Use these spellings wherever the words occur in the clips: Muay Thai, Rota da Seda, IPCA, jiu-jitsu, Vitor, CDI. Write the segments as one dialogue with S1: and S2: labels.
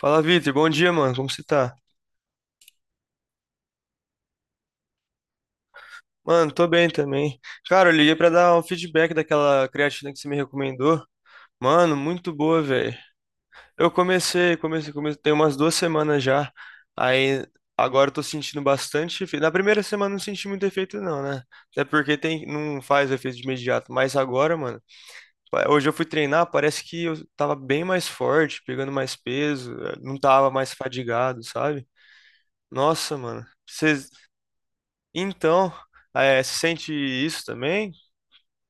S1: Fala, Vitor. Bom dia, mano. Como você tá? Mano, tô bem também. Cara, eu liguei pra dar um feedback daquela creatina que você me recomendou. Mano, muito boa, velho. Eu comecei, tem umas 2 semanas já. Aí agora eu tô sentindo bastante efeito. Na primeira semana eu não senti muito efeito, não, né? Até porque tem, não faz efeito de imediato. Mas agora, mano, hoje eu fui treinar, parece que eu tava bem mais forte, pegando mais peso, não tava mais fadigado, sabe? Nossa, mano. Você Então, você sente isso também?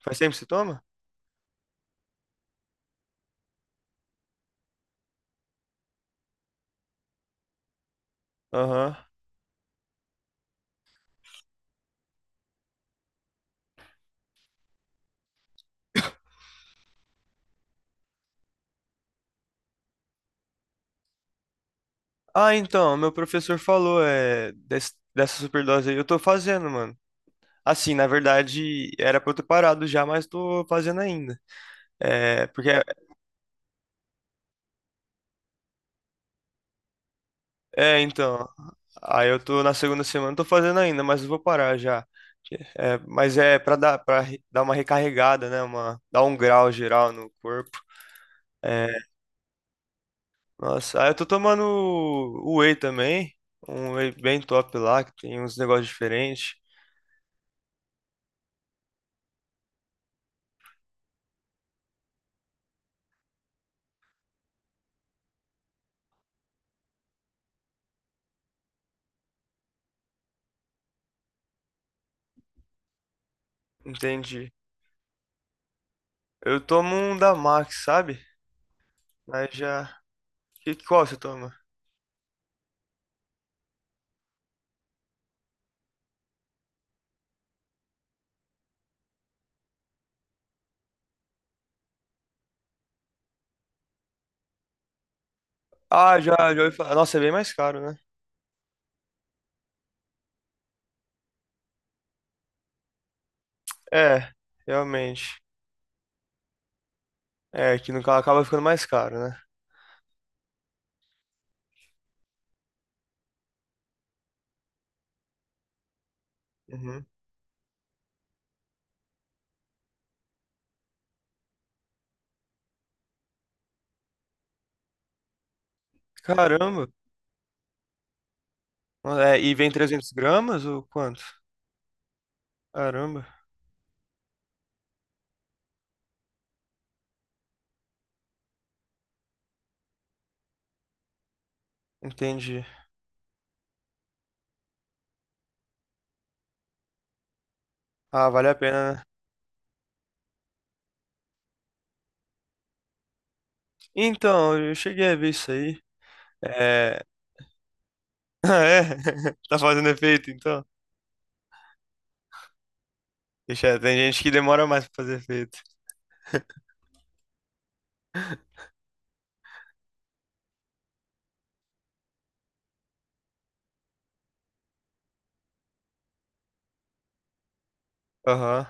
S1: Faz tempo que você toma? Aham. Ah, então, meu professor falou dessa superdose aí. Eu tô fazendo, mano. Assim, na verdade, era pra eu ter parado já, mas tô fazendo ainda. É, porque, é, então, aí eu tô na segunda semana, tô fazendo ainda, mas eu vou parar já. É, mas é pra dar, pra dar uma recarregada, né? Uma, dar um grau geral no corpo. É. Nossa, ah, eu tô tomando o whey também, um whey bem top lá, que tem uns negócios diferentes. Entendi. Eu tomo um da Max, sabe? Mas já. Que, qual você toma? Ah, já, já ouvi falar. Nossa, é bem mais caro, né? É, realmente. É, que no caso acaba ficando mais caro, né? Uhum. Caramba. É, e vem 300 gramas ou quanto? Caramba, entendi. Ah, vale a pena, né? Então, eu cheguei a ver isso aí. É. Ah, é? Tá fazendo efeito, então? Deixa, tem gente que demora mais pra fazer efeito. Aham.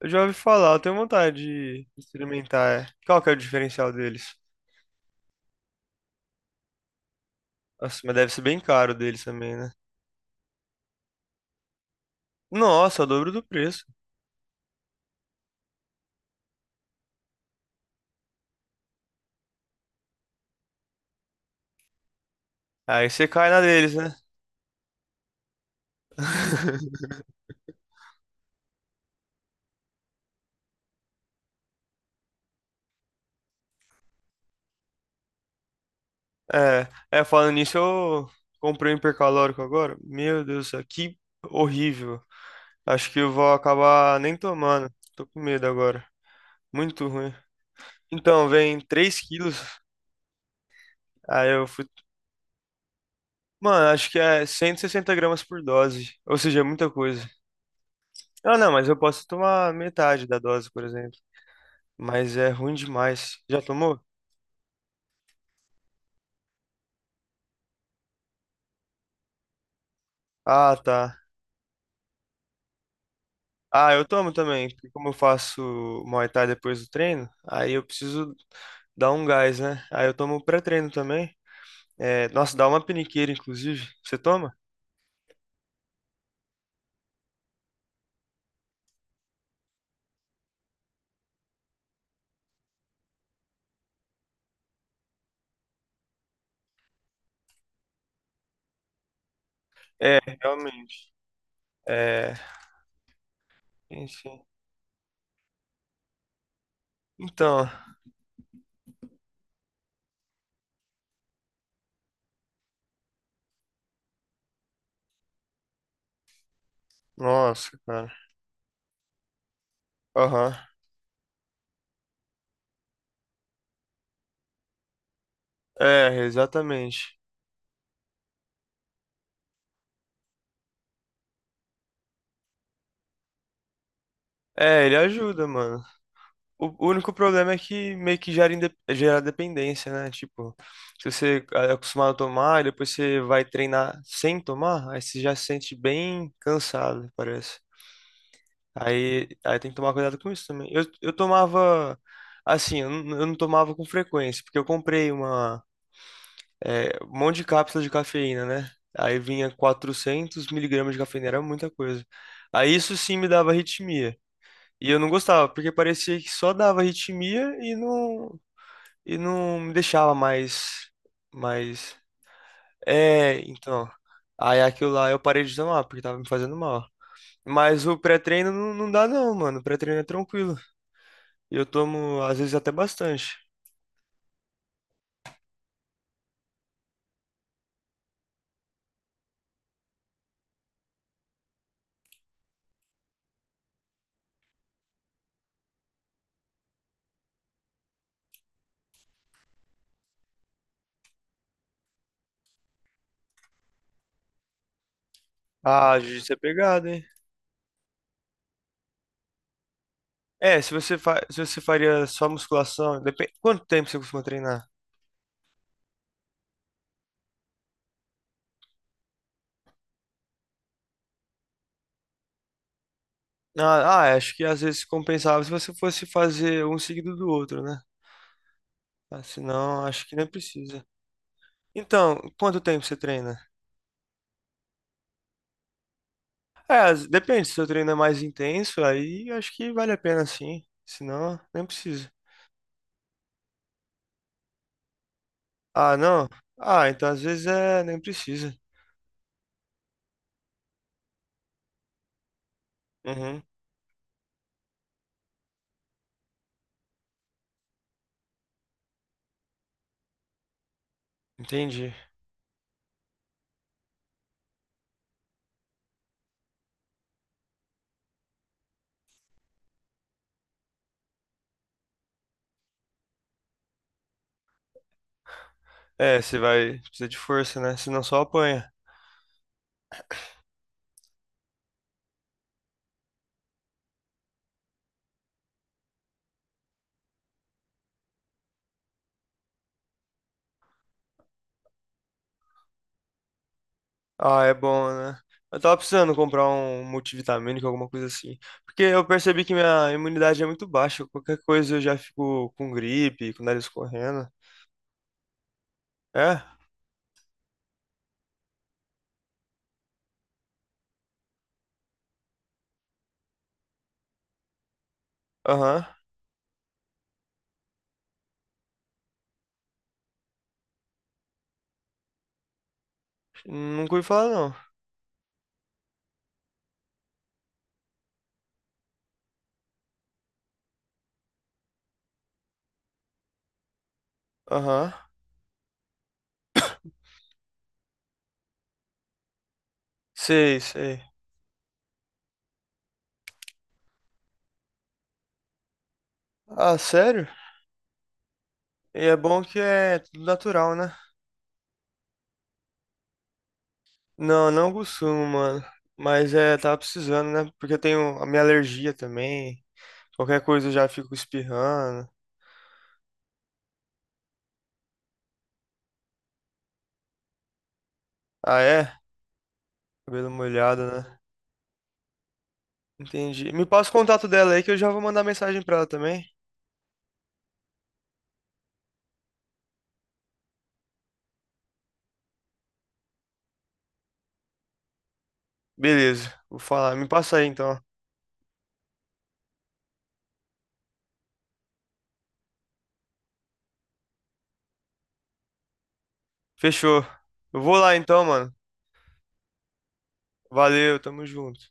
S1: Eu já ouvi falar, eu tenho vontade de experimentar. É. Qual que é o diferencial deles? Nossa, mas deve ser bem caro deles também, né? Nossa, o dobro do preço. Aí você cai na deles, né? É, é, falando nisso, eu comprei um hipercalórico agora. Meu Deus do céu, que horrível. Acho que eu vou acabar nem tomando. Tô com medo agora. Muito ruim. Então, vem 3 quilos. Aí eu fui. Mano, acho que é 160 gramas por dose. Ou seja, é muita coisa. Ah, não, mas eu posso tomar metade da dose, por exemplo. Mas é ruim demais. Já tomou? Ah, tá. Ah, eu tomo também, porque como eu faço Muay Thai depois do treino, aí eu preciso dar um gás, né? Aí eu tomo pré-treino também. É, nossa, dá uma peniqueira, inclusive. Você toma? É, realmente. É, enfim. Então, nossa, cara. Aham. É, exatamente. É, ele ajuda, mano. O único problema é que meio que gera dependência, né? Tipo, se você é acostumado a tomar e depois você vai treinar sem tomar, aí você já se sente bem cansado, parece. Aí tem que tomar cuidado com isso também. Eu tomava, assim, eu não tomava com frequência, porque eu comprei uma, um monte de cápsula de cafeína, né? Aí vinha 400 miligramas de cafeína, era muita coisa. Aí isso sim me dava arritmia. E eu não gostava, porque parecia que só dava arritmia e não me deixava mais, mais, é, então, aí aquilo lá eu parei de tomar, porque tava me fazendo mal. Mas o pré-treino não, não dá não, mano, o pré-treino é tranquilo, e eu tomo, às vezes, até bastante. Ah, jiu-jitsu é pegado, hein? É, se você faria só musculação, depende, quanto tempo você costuma treinar? Ah, acho que às vezes compensava se você fosse fazer um seguido do outro, né? Ah, senão, acho que nem precisa. Então, quanto tempo você treina? É, depende, se o treino é mais intenso, aí acho que vale a pena sim. Se não, nem precisa. Ah, não? Ah, então às vezes é, nem precisa. Uhum, entendi. É, você vai, precisa de força, né? Senão só apanha. Ah, é bom, né? Eu tava precisando comprar um multivitamínico, alguma coisa assim. Porque eu percebi que minha imunidade é muito baixa. Qualquer coisa eu já fico com gripe, com o nariz correndo. É? Aham. Nunca ouvi falar, não. Aham. Sei, sei. Ah, sério? E é bom que é tudo natural, né? Não, não consumo, mano. Mas é, tava precisando, né? Porque eu tenho a minha alergia também. Qualquer coisa eu já fico espirrando. Ah, é? Cabelo molhado, né? Entendi. Me passa o contato dela aí que eu já vou mandar mensagem pra ela também. Beleza, vou falar. Me passa aí então. Fechou. Eu vou lá então, mano. Valeu, tamo junto.